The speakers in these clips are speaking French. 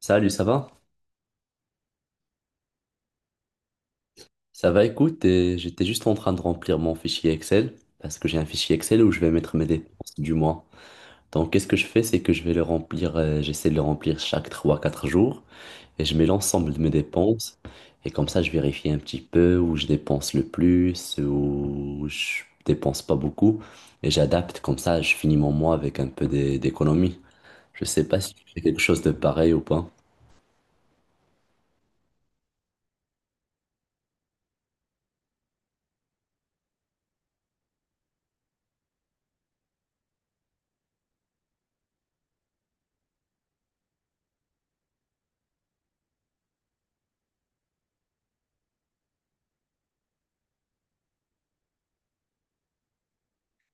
Salut, ça va? Ça va, écoute, et j'étais juste en train de remplir mon fichier Excel, parce que j'ai un fichier Excel où je vais mettre mes dépenses du mois. Donc, qu'est-ce que je fais? C'est que je vais le remplir, j'essaie de le remplir chaque 3, 4 jours, et je mets l'ensemble de mes dépenses, et comme ça, je vérifie un petit peu où je dépense le plus, où je dépense pas beaucoup, et j'adapte, comme ça, je finis mon mois avec un peu d'économie. Je sais pas si tu fais quelque chose de pareil ou pas.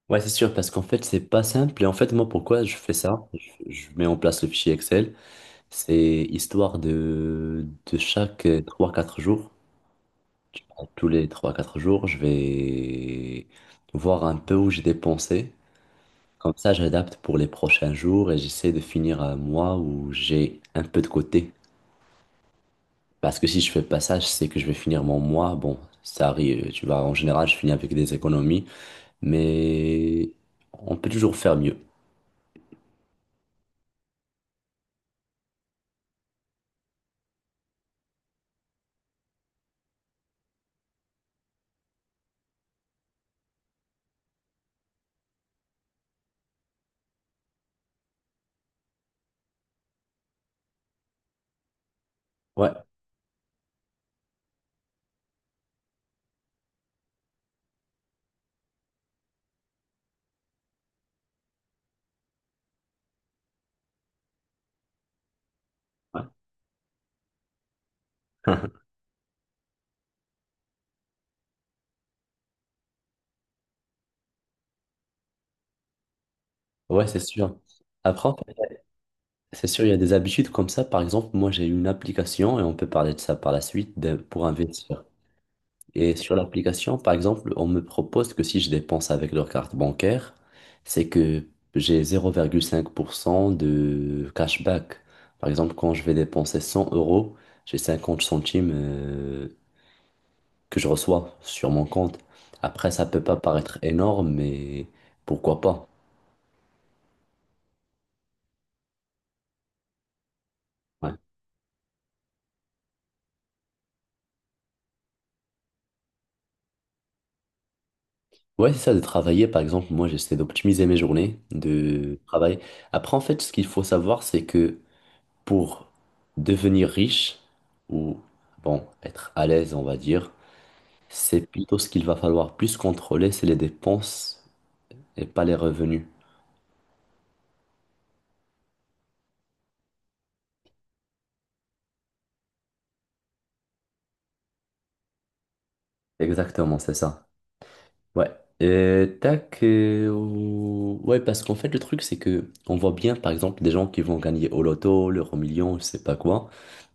Ouais, c'est sûr, parce qu'en fait, c'est pas simple. Et en fait, moi, pourquoi je fais ça? Je mets en place le fichier Excel. C'est histoire de chaque 3, 4 jours, tu vois. Tous les 3, 4 jours, je vais voir un peu où j'ai dépensé. Comme ça, j'adapte pour les prochains jours et j'essaie de finir un mois où j'ai un peu de côté. Parce que si je fais pas ça, je sais que je vais finir mon mois. Bon, ça arrive, tu vois. En général, je finis avec des économies, mais on peut toujours faire mieux. Ouais. Ouais. Ouais, c'est sûr. Après, en fait, c'est sûr, il y a des habitudes comme ça. Par exemple, moi, j'ai une application et on peut parler de ça par la suite pour investir. Et sur l'application, par exemple, on me propose que si je dépense avec leur carte bancaire, c'est que j'ai 0,5% de cashback. Par exemple, quand je vais dépenser 100 euros, j'ai 50 centimes que je reçois sur mon compte. Après, ça peut pas paraître énorme, mais pourquoi pas? Ouais. Ouais, c'est ça, de travailler. Par exemple, moi, j'essaie d'optimiser mes journées de travail. Après, en fait, ce qu'il faut savoir, c'est que pour devenir riche ou, bon, être à l'aise, on va dire, c'est plutôt ce qu'il va falloir plus contrôler, c'est les dépenses et pas les revenus. Exactement, c'est ça. Ouais. Et tac. Ouais, parce qu'en fait, le truc, c'est que on voit bien, par exemple, des gens qui vont gagner au loto, l'euro million, je sais pas quoi,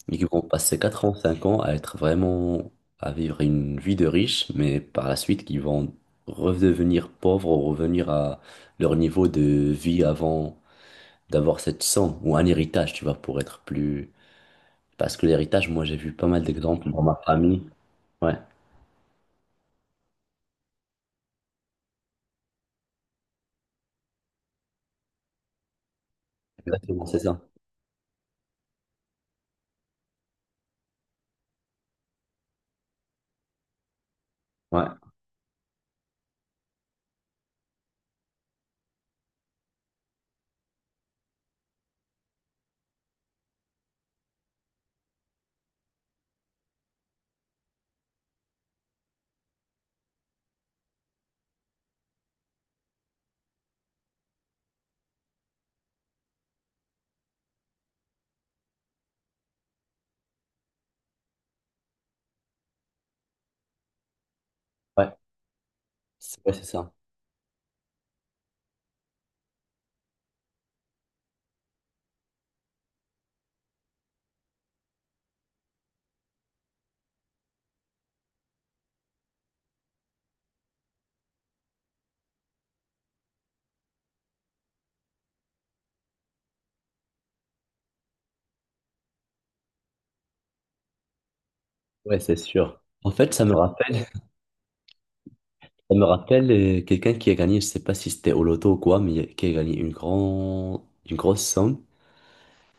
mais qui vont passer 4 ans, 5 ans à être vraiment, à vivre une vie de riche, mais par la suite qui vont redevenir pauvres ou revenir à leur niveau de vie avant d'avoir cette somme ou un héritage, tu vois, pour être plus... Parce que l'héritage, moi j'ai vu pas mal d'exemples dans ma famille. Ouais, exactement, c'est ça. Ouais, ouais, ouais, c'est ça. Ouais, c'est sûr. En fait, ça me rappelle quelqu'un qui a gagné, je sais pas si c'était au loto ou quoi, mais qui a gagné une grande, une grosse somme.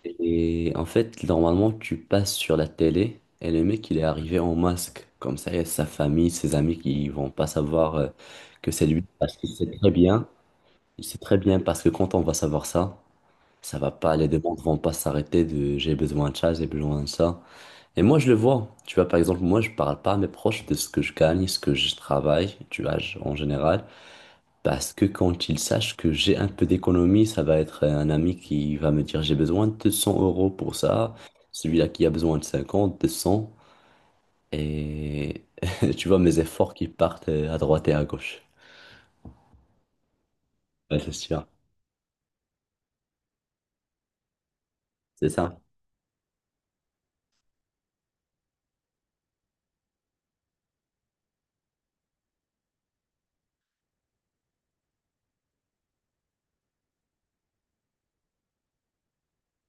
Et en fait, normalement, tu passes sur la télé et le mec, il est arrivé en masque. Comme ça, il y a sa famille, ses amis qui vont pas savoir que c'est lui parce qu'il sait très bien. Il sait très bien parce que quand on va savoir ça, ça va pas, les demandes vont pas s'arrêter de j'ai besoin de ça, j'ai besoin de ça. Et moi, je le vois. Tu vois, par exemple, moi, je parle pas à mes proches de ce que je gagne, ce que je travaille, tu vois, en général. Parce que quand il sache que j'ai un peu d'économie, ça va être un ami qui va me dire j'ai besoin de 100 € pour ça, celui-là qui a besoin de 50, de 100, et tu vois mes efforts qui partent à droite et à gauche. Ouais, c'est sûr, c'est ça.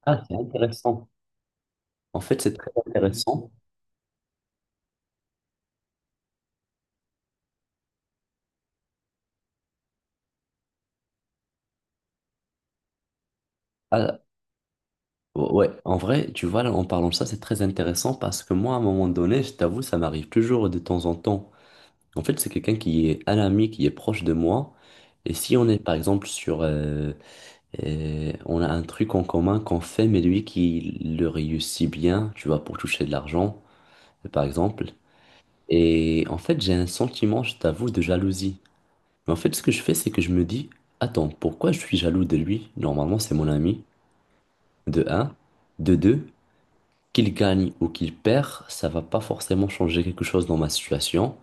Ah, c'est intéressant. En fait, c'est très intéressant. Ah, ouais, en vrai, tu vois, là, en parlant de ça, c'est très intéressant parce que moi, à un moment donné, je t'avoue, ça m'arrive toujours de temps en temps. En fait, c'est quelqu'un qui est un ami, qui est proche de moi. Et si on est par exemple sur et on a un truc en commun qu'on fait, mais lui qui le réussit bien, tu vois, pour toucher de l'argent, par exemple. Et en fait, j'ai un sentiment, je t'avoue, de jalousie. Mais en fait, ce que je fais, c'est que je me dis, attends, pourquoi je suis jaloux de lui? Normalement, c'est mon ami, de un. De deux, qu'il gagne ou qu'il perd, ça va pas forcément changer quelque chose dans ma situation.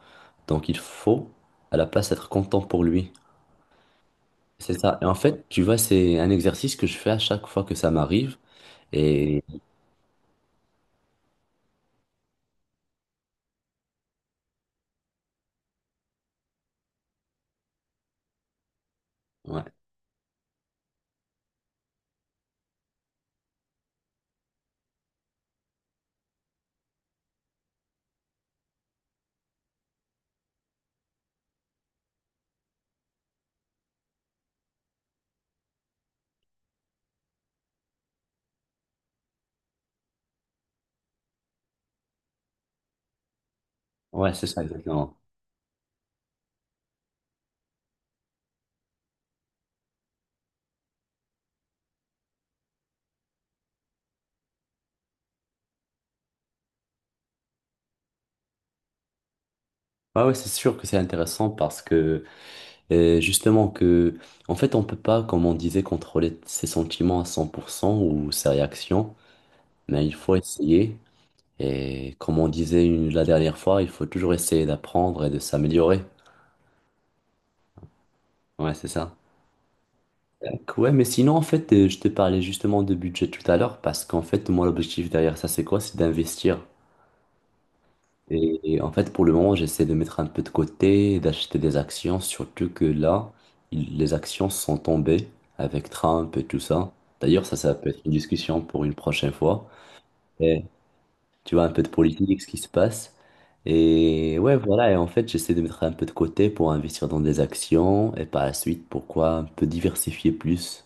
Donc, il faut, à la place, être content pour lui. C'est ça. Et en fait, tu vois, c'est un exercice que je fais à chaque fois que ça m'arrive. Et ouais. Ouais, c'est ça, exactement. Ouais, ouais, c'est sûr que c'est intéressant parce que, justement, que, en fait, on peut pas, comme on disait, contrôler ses sentiments à 100% ou ses réactions, mais il faut essayer. Et comme on disait la dernière fois, il faut toujours essayer d'apprendre et de s'améliorer. Ouais, c'est ça. Donc, ouais, mais sinon, en fait, je te parlais justement de budget tout à l'heure parce qu'en fait, moi, l'objectif derrière ça, c'est quoi? C'est d'investir. Et, en fait, pour le moment, j'essaie de mettre un peu de côté, d'acheter des actions, surtout que là, les actions sont tombées avec Trump et tout ça. D'ailleurs, ça peut être une discussion pour une prochaine fois. Et tu vois, un peu de politique, ce qui se passe. Et ouais, voilà. Et en fait, j'essaie de mettre un peu de côté pour investir dans des actions et par la suite, pourquoi un peu diversifier plus.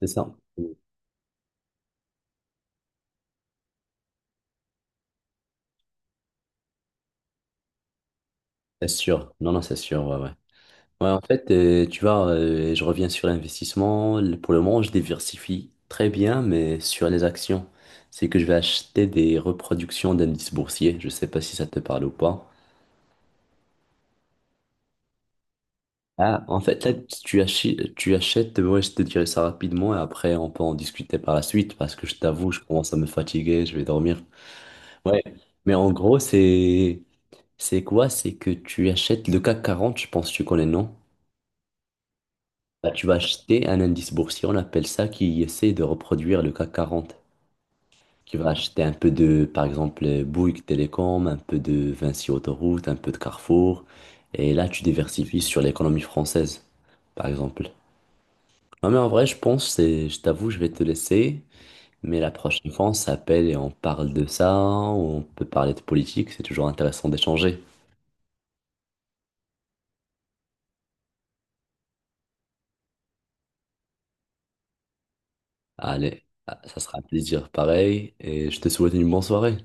C'est ça. C'est sûr. Non, non, c'est sûr, ouais, ouais. Ouais, en fait, tu vois, je reviens sur l'investissement. Pour le moment, je diversifie très bien, mais sur les actions. C'est que je vais acheter des reproductions d'indices boursiers. Je sais pas si ça te parle ou pas. Ah, en fait, là, tu achètes, ouais, je te dirai ça rapidement et après, on peut en discuter par la suite parce que je t'avoue, je commence à me fatiguer, je vais dormir. Ouais, mais en gros, c'est quoi? C'est que tu achètes le CAC 40 je pense que tu connais, non? Bah, tu vas acheter un indice boursier, on appelle ça, qui essaie de reproduire le CAC 40, qui va acheter un peu de, par exemple, Bouygues Télécom, un peu de Vinci Autoroute, un peu de Carrefour, et là, tu diversifies sur l'économie française, par exemple. Non, mais en vrai, je pense, je t'avoue, je vais te laisser, mais la prochaine fois, on s'appelle et on parle de ça, ou on peut parler de politique, c'est toujours intéressant d'échanger. Allez, ça sera un plaisir pareil, et je te souhaite une bonne soirée.